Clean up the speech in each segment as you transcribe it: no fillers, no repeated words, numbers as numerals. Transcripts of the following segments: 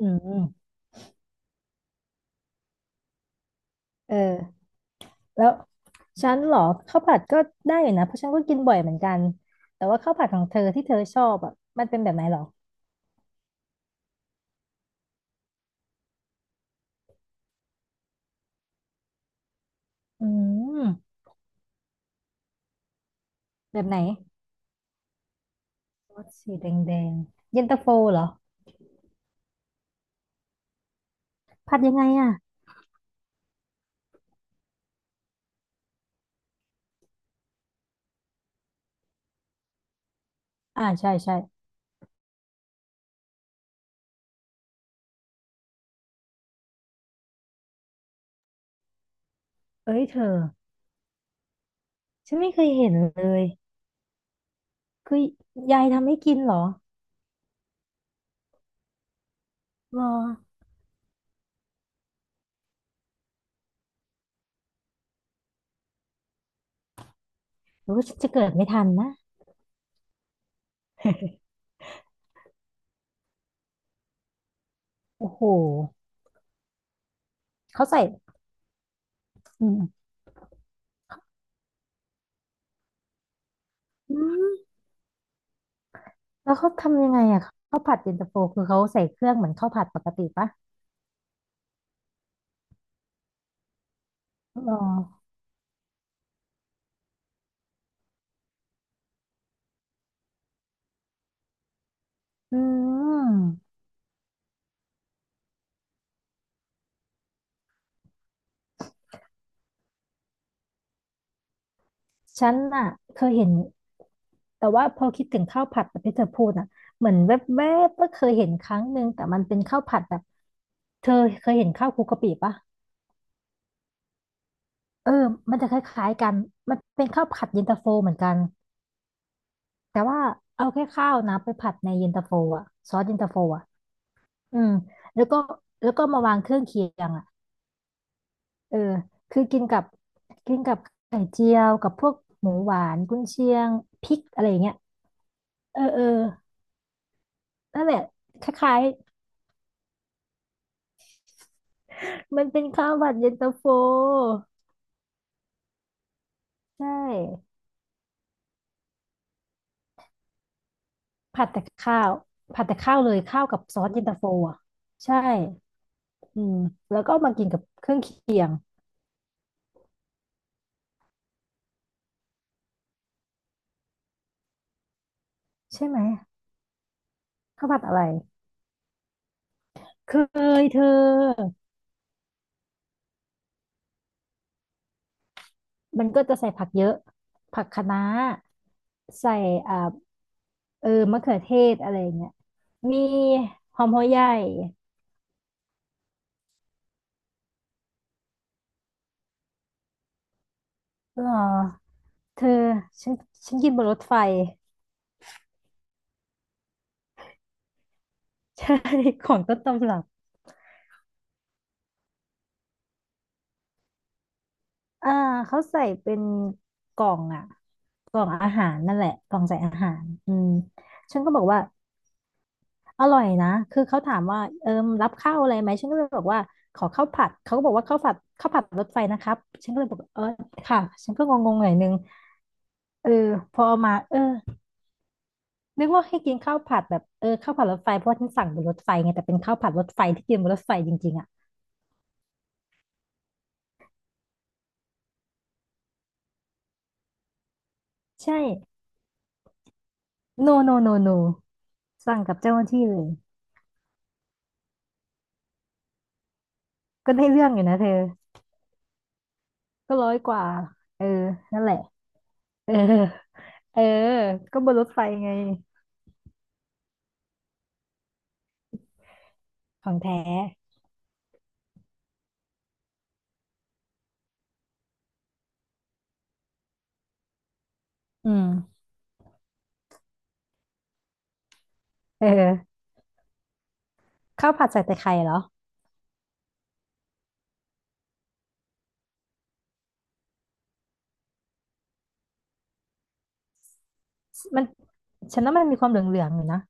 อืมเออแล้วฉันเหรอข้าวผัดก็ได้อยู่นะเพราะฉันก็กินบ่อยเหมือนกันแต่ว่าข้าวผัดของเธอที่เธอชอบอ่ะมันเป็นแบบไหนเหรออืมแบบไหนรสสีแดงแดงเย็นตาโฟเหรอผัดยังไงอ่ะอ่าใช่ใช่เอ้ยเธอฉันไม่เคยเห็นเลยคือยายทำให้กินเหรอรอหรือว่าฉันจะเกิดไม่ทันนะ โอ้โหเขาใส่อืมอืมแล้วเขาทำยังไงอ่ะข้าวผัดเย็นตาโฟคือเขาใส่เครื่องเหมือนข้าวผัดปกติปะ หรออืมฉันน่ะเคยเห็น แต่ว่าพอคิดถึงข้าวผัดแบบที่เธอพูดน่ะเหมือนแวบๆก็เคยเห็นครั้งหนึ่งแต่มันเป็นข้าวผัดแบบเธอเคยเห็นข้าวคลุกกะปิปะเออมันจะคล้ายๆกันมันเป็นข้าวผัดเย็นตาโฟเหมือนกันแต่ว่าเอาแค่ข้าวนะไปผัดในเย็นตาโฟอะซอสเย็นตาโฟอะอืมแล้วก็แล้วก็มาวางเครื่องเคียงอะเออคือกินกับกินกับไข่เจียวกับพวกหมูหวานกุนเชียงพริกอะไรอย่างเงี้ย เออเออนั่นแหละคล้ายๆมันเป็นข้าวผัดเย็นตาโฟใช่ ผัดแต่ข้าว ผัดแต่ข้าวเลยข้าวกับซอสเย็นตาโฟอ่ะใช่อืมแล้วก็เอามากินกับเครื่องเคียงใช่ไหมข้าวผัดอะไรเคยเธอมันก็จะใส่ผักเยอะผักคะน้าใส่อ่าเออมะเขือเทศอะไรอย่างเงี้ยมีหอมหัวใหญ่หรอเธอฉันฉันกินบนรถไฟ ใช่ ของต้นตำรับอ่าเขาใส่เป็นกล่องอ่ะกล่องอาหารนั่นแหละกล่องใส่อาหารอืมฉันก็บอกว่าอร่อยนะคือเขาถามว่าเอิมรับข้าวอะไรไหมฉันก็เลยบอกว่าขอข้าวผัดเขาก็บอกว่าข้าวผัดข้าวผัดรถไฟนะครับฉันก็เลยบอกเออค่ะฉันก็งงๆหน่อยนึงเออพอเอามาเออนึกว่าให้กินข้าวผัดแบบเออข้าวผัดรถไฟเพราะว่าฉันสั่งบนรถไฟไงแต่เป็นข้าวผัดรถไฟที่กินบนรถไฟจริงๆอ่ะใช่โนโนโนโนสั่งกับเจ้าหน้าที่เลย ก็ได้เรื่องอยู่นะเธอก็ร้อยกว่าเออนั่นแหละ เออเออก็บนรถไฟไงของแท้อืมเออข้าวผัดใส่แต่ไข่เหรอ มัน ฉันว่ามันมีความเหลืองๆอยู่นะ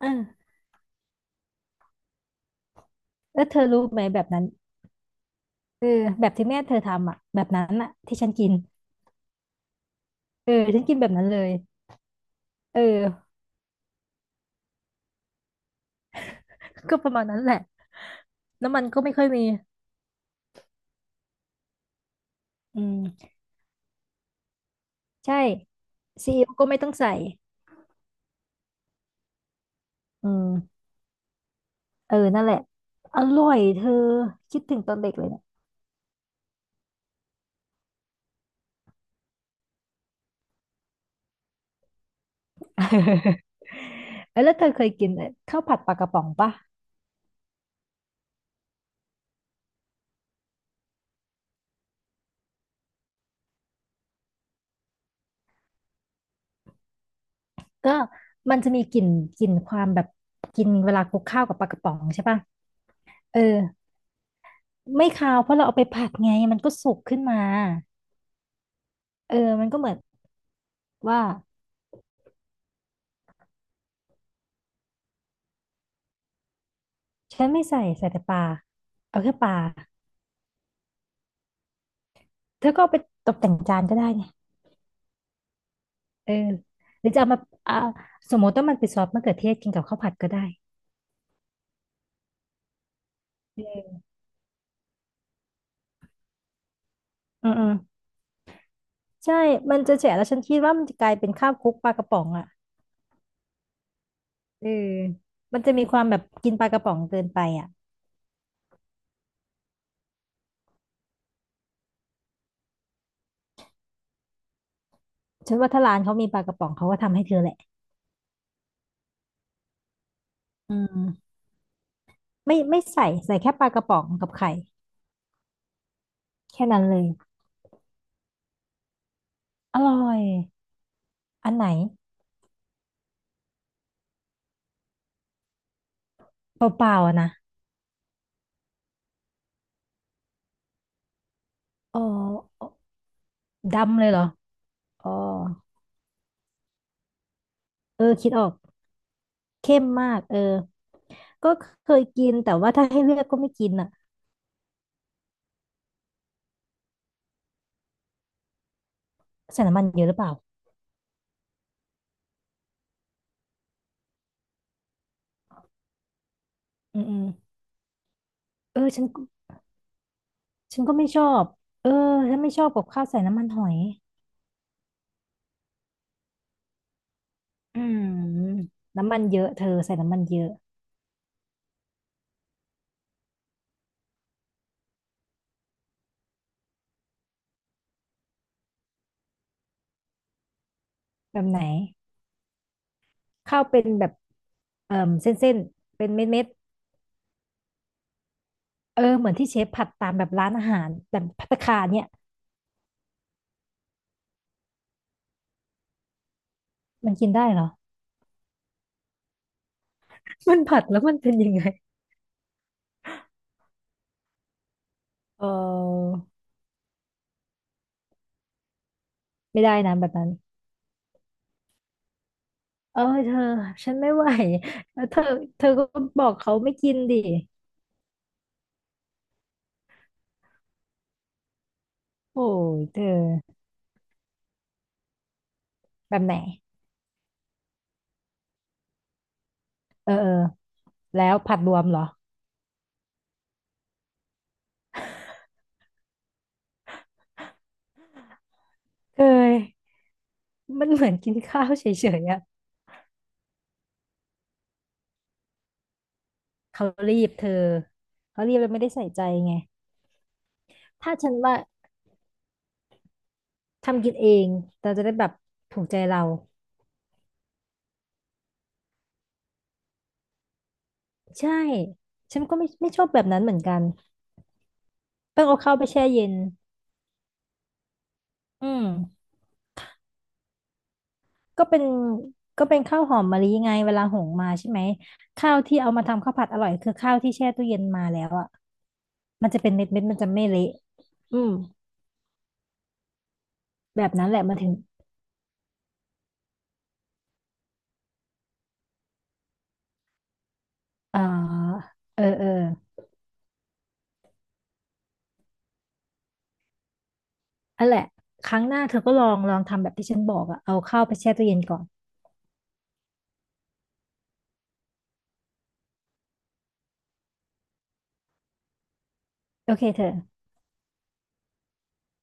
เออแล้วเธอรู้ไหมแบบนั้นเออแบบที่แม่เธอทำอ่ะแบบนั้นอ่ะที่ฉันกินเออฉันกินแบบนั้นเลย เออ ก็ประมาณนั้นแหละน้ำมันก็ไม่ค่อยมีอืมใช่ซีอิ๊วก็ไม่ต้องใส่อืมเออนั่นแหละอร่อยเธอคิดถึงตอนเด็กเลย เอ้ยแล้วเธอเคยกินไอ้ข้าวผัดปลากระป๋องปะก็มันจะมีกลิ่นกลิ่นความแบบกินเวลาคลุกข้าวกับปลากระป๋องใช่ปะเออไม่คาวเพราะเราเอาไปผัดไงมันก็สุกขึ้นมาเออมันก็เหมือนว่าฉันไม่ใส่ใส่แต่ปลาเอาแค่ปลาเธอก็เอาไปตกแต่งจานก็ได้ไงเออหรือจะเอามาอ่าสมมติว่ามันเป็นซอสมะเขือเทศกินกับข้าวผัดก็ได้เอออืมอืมใช่มันจะแฉะแล้วฉันคิดว่ามันจะกลายเป็นข้าวคลุกปลากระป๋องอ่ะ เออมันจะมีความแบบกินปลากระป๋องเกินไปอ่ะฉันว่าถ้าร้านเขามีปลากระป๋องเขาก็ทำให้เธอแหละอืมไม่ไม่ใส่ใส่แค่ปลากระป๋องกับไข่แค่นั้นเลยอร่อยอันไหนเปล่าๆอะนะอ๋อดำเลยเหรออ๋อเออคิดออกเข้มมากเออก็เคยกินแต่ว่าถ้าให้เลือกก็ไม่กินอ่ะใส่น้ำมันเยอะหรือเปล่าอืมอืมเออฉันฉันก็ไม่ชอบเออฉันไม่ชอบกับข้าวใส่น้ำมันหอยอืมน้ำมันเยอะเธอใส่น้ำมันเยอะ แบบไหนข้าวเป็นแบบเส้นๆเป็นเม็ดเเออเหมือนที่เชฟผัดตามแบบร้านอาหารแบบภัตตาคารเนี่ยมันกินได้เหรอ มันผัดแล้วมันเป็นยังไงเออไม่ได้นะแบบนั้นเออเธอฉันไม่ไหวแล้วเธอเธอก็บอกเขาไม่กินดิโอ้ยเธอแบบไหนเออเออแล้วผัดรวมเหรอเคยมันเหมือนกินข้าวเฉยๆอะเขารีบเธอเขารีบแล้วไม่ได้ใส่ใจไงถ้าฉันว่า ทำกินเองเราจะได้แบบถูกใจเราใช่ฉันก็ไม่ไม่ชอบแบบนั้นเหมือนกันเพิ่งเอาข้าวไปแช่เย็นอืมก็เป็นก็เป็นข้าวหอมมะลิไงเวลาหุงมาใช่ไหมข้าวที่เอามาทำข้าวผัดอร่อยคือข้าวที่แช่ตู้เย็นมาแล้วอ่ะมันจะเป็นเม็ดเม็ดมันจะไม่เละอืมแบบนั้นแหละมันถึงเอ่อเออเอออันแหละครั้งหน้าเธอก็ลองลองทำแบบที่ฉันบอกอ่ะเอาข้าวไปแช่ตู้เย็นก่อนโอเคเธอ